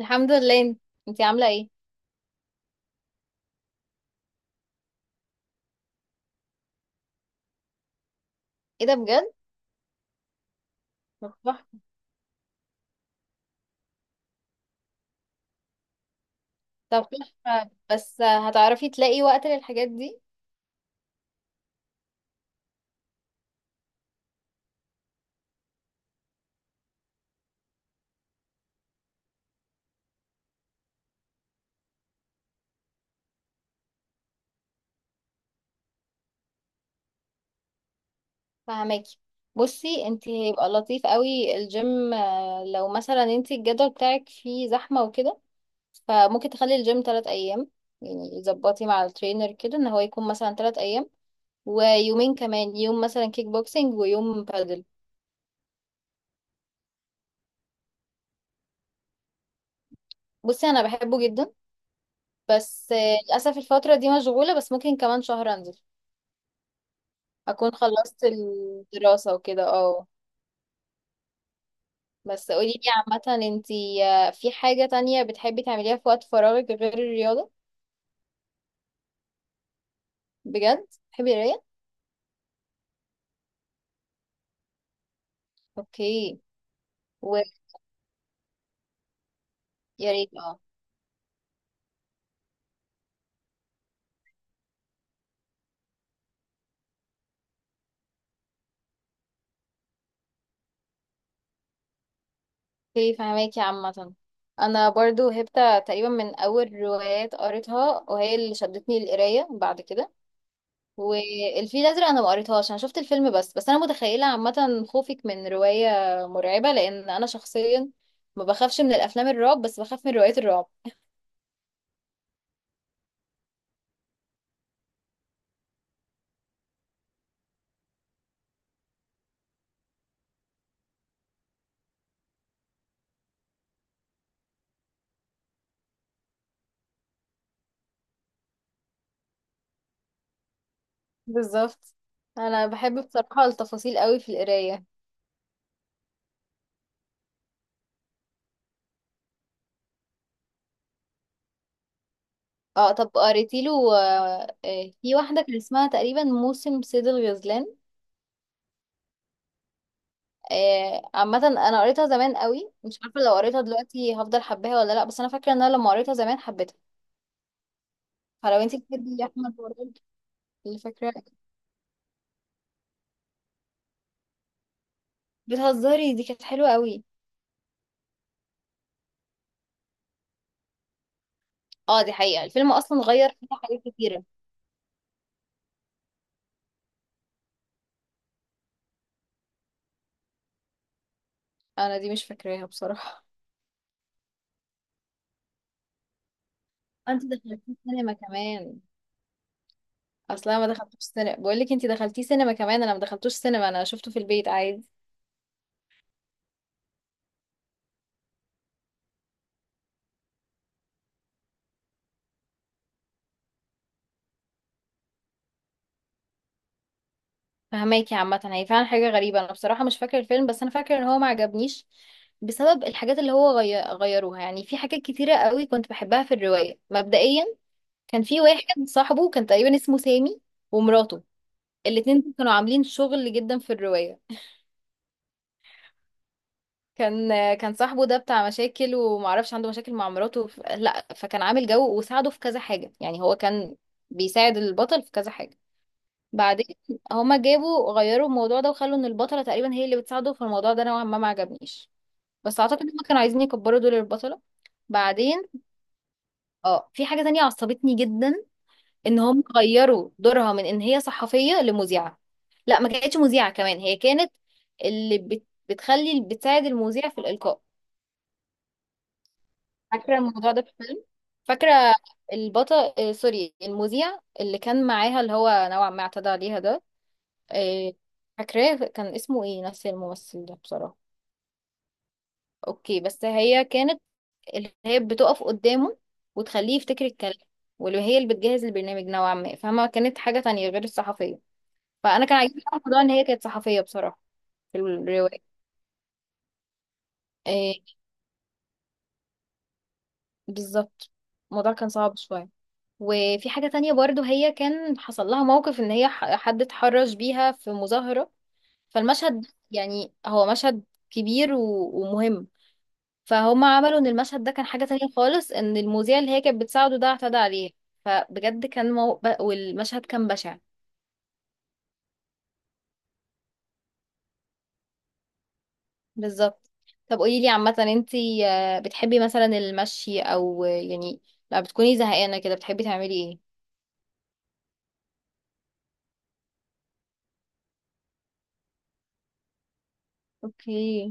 الحمد لله. انتي عاملة ايه؟ ايه ده بجد؟ طب تحفة. طب تحفة، بس هتعرفي تلاقي وقت للحاجات دي؟ فهماكي. بصي، انتي هيبقى لطيف قوي الجيم، لو مثلا انتي الجدول بتاعك فيه زحمة وكده، فممكن تخلي الجيم 3 ايام. يعني يظبطي مع الترينر كده ان هو يكون مثلا 3 ايام، ويومين كمان، يوم مثلا كيك بوكسينج ويوم بادل. بصي، انا بحبه جدا، بس للأسف الفترة دي مشغولة، بس ممكن كمان شهر انزل اكون خلصت الدراسة وكده، اه. بس قولي لي، عامة انتي، في حاجة تانية بتحبي تعمليها في وقت فراغك غير الرياضة؟ بجد بتحبي القراية؟ اوكي. ويا ريت، اه. اوكي، فهماكي. عامة انا برضو هبت تقريبا من اول روايات قريتها، وهي اللي شدتني للقراية بعد كده. والفيل الازرق انا ما قريتهاش، انا شفت الفيلم بس. بس انا متخيلة عامة خوفك من رواية مرعبة، لان انا شخصيا ما بخافش من الافلام الرعب، بس بخاف من روايات الرعب. بالظبط. انا بحب بصراحة التفاصيل قوي في القراية. اه، طب قريتي له؟ في واحدة كان اسمها تقريبا موسم صيد الغزلان. عامة انا قريتها زمان قوي، مش عارفة لو قريتها دلوقتي هفضل حباها ولا لا، بس انا فاكرة ان انا لما قريتها زمان حبيتها. فلو انتي بتحبي يا احمد برضه. اللي فاكرة بتهزري دي كانت حلوة قوي. اه، دي حقيقة الفيلم اصلا غير فيها حاجات كتيرة. انا دي مش فاكراها بصراحة. انت دخلتي السينما كمان؟ اصل انا ما دخلتوش سينما، بقول لك انت دخلتيه سينما كمان، انا ما دخلتوش سينما، انا شفته في البيت عادي. فهماكي عامه، هي فعلا حاجه غريبه، انا بصراحه مش فاكره الفيلم، بس انا فاكره ان هو ما عجبنيش بسبب الحاجات اللي هو غيروها. يعني في حاجات كتيره قوي كنت بحبها في الروايه مبدئيا. كان في واحد صاحبه كان تقريبا اسمه سامي، ومراته. الاتنين دول كانوا عاملين شغل جدا في الروايه. كان كان صاحبه ده بتاع مشاكل ومعرفش، عنده مشاكل مع مراته، لا، فكان عامل جو وساعده في كذا حاجه، يعني هو كان بيساعد البطل في كذا حاجه. بعدين هما جابوا غيروا الموضوع ده وخلوا ان البطله تقريبا هي اللي بتساعده في الموضوع ده، نوعا ما ما عجبنيش، بس اعتقد هما كانوا عايزين يكبروا دور البطله. بعدين، اه، في حاجه تانية عصبتني جدا، ان هم غيروا دورها من ان هي صحفيه لمذيعه. لا، ما كانتش مذيعه كمان، هي كانت بتخلي، بتساعد المذيع في الالقاء. فاكره الموضوع ده في الفيلم؟ فاكره البطل، سوري، المذيع اللي كان معاها اللي هو نوعا ما اعتدى عليها ده. إيه، فاكراه كان اسمه ايه، نفس الممثل ده بصراحة؟ اوكي، بس هي كانت اللي هي بتقف قدامه وتخليه يفتكر الكلام، واللي هي اللي بتجهز البرنامج نوعا ما، فما كانت حاجة تانية غير الصحفية. فأنا كان عاجبني أوي الموضوع، إن هي كانت صحفية بصراحة، في الرواية. إيه، بالظبط. الموضوع كان صعب شوية. وفي حاجة تانية برضو، هي كان حصل لها موقف إن هي حد اتحرش بيها في مظاهرة. فالمشهد، يعني هو مشهد كبير ومهم. فهم عملوا ان المشهد ده كان حاجة تانية خالص، ان المذيع اللي هي كانت بتساعده ده اعتدى عليه. فبجد كان والمشهد كان بشع. بالظبط. طب قولي لي عامة، انتي بتحبي مثلا المشي او، يعني لما بتكوني زهقانة كده بتحبي تعملي ايه؟ اوكي،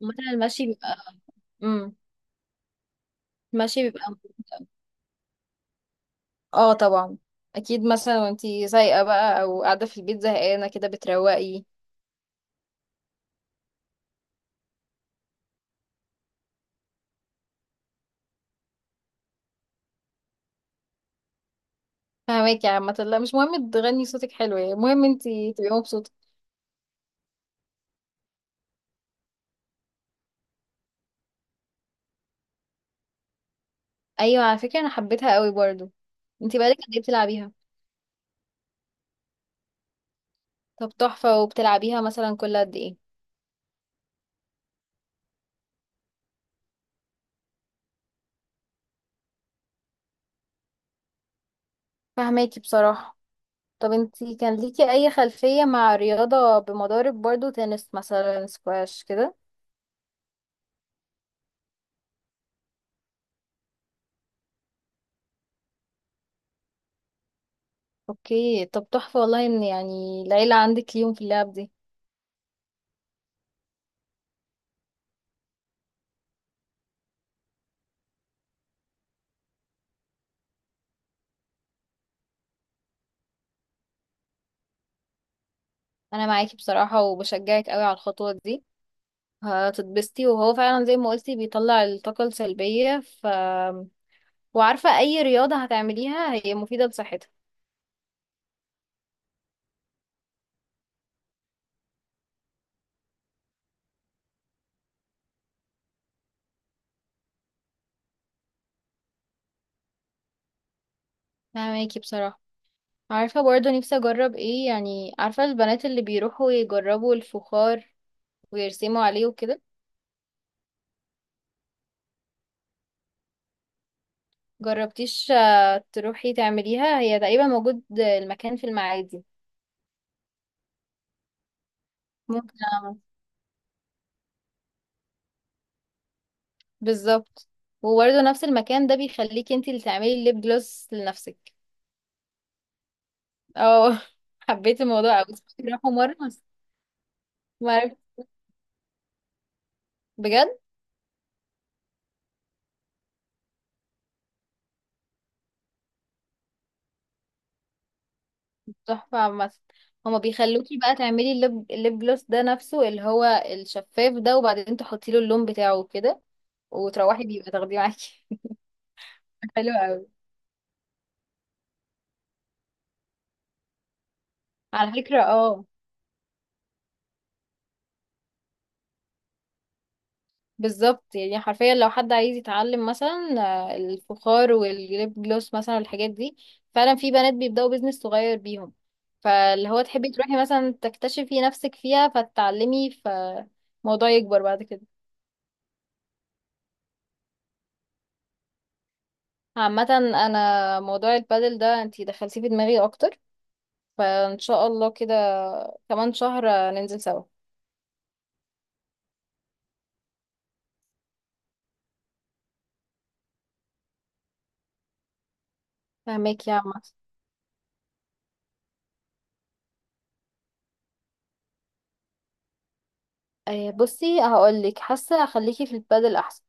مثلا المشي بيبقى. امم. المشي بيبقى، اه، طبعا. اكيد، مثلا وانتي سايقة بقى او قاعدة في البيت زهقانة كده بتروقي. فهماكي يا عامة. لا، مش مهم تغني صوتك حلو، يعني المهم انتي تبقي مبسوطة. ايوه، على فكرة انا حبيتها قوي برضو. انتي بقالك قد ايه بتلعبيها؟ طب تحفة، وبتلعبيها مثلا كل قد ايه؟ فهماكي بصراحة. طب انتي كان ليكي اي خلفية مع رياضة بمضارب برضو؟ تنس مثلا، سكواش كده؟ اوكي، طب تحفة، والله ان يعني العيلة عندك ليهم في اللعب دي. انا معاكي بصراحة، وبشجعك قوي على الخطوة دي. هتتبسطي، وهو فعلا زي ما قلتي بيطلع الطاقة السلبية، وعارفة اي رياضة هتعمليها هي مفيدة لصحتك. فهماكي بصراحة. عارفة برضه نفسي أجرب ايه، يعني عارفة البنات اللي بيروحوا يجربوا الفخار ويرسموا عليه وكده؟ جربتيش تروحي تعمليها؟ هي تقريبا موجود المكان في المعادي. ممكن أعمل. بالظبط. وبرضه نفس المكان ده بيخليكي انتي اللي تعملي الليب جلوس لنفسك. اه، حبيت الموضوع اوي. راحوا مرة بس؟ ما عرفت، بجد؟ تحفة عامة. هما بيخلوكي بقى تعملي الليب جلوس ده نفسه اللي هو الشفاف ده، وبعدين تحطي له اللون بتاعه كده، وتروحي بيبقى تاخديه معاكي. حلو قوي. على فكرة، اه. بالظبط، يعني حرفيا لو حد عايز يتعلم مثلا الفخار والليب جلوس مثلا والحاجات دي، فعلا في بنات بيبدأوا بيزنس صغير بيهم، فاللي هو تحبي تروحي مثلا تكتشفي نفسك فيها فتتعلمي، فالموضوع يكبر بعد كده. عامة انا موضوع البادل ده انتي دخلتيه في دماغي اكتر، فان شاء الله كده كمان شهر ننزل سوا. فهماك يا عم. بصي هقولك، حاسة اخليكي في البادل احسن.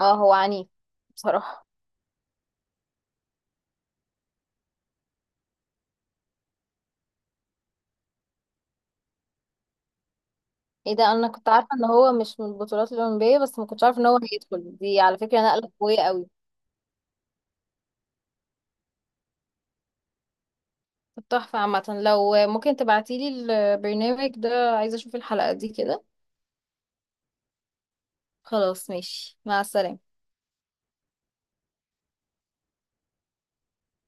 اه، هو عنيف بصراحة. ايه ده، انا كنت عارفة ان هو مش من البطولات الأولمبية، بس ما كنتش عارفة ان هو هيدخل. دي على فكرة نقلة قوية قوي. طب تحفة عامة، لو ممكن تبعتيلي البرنامج ده، عايزة اشوف الحلقة دي كده. خلاص، ماشي، مع السلامة.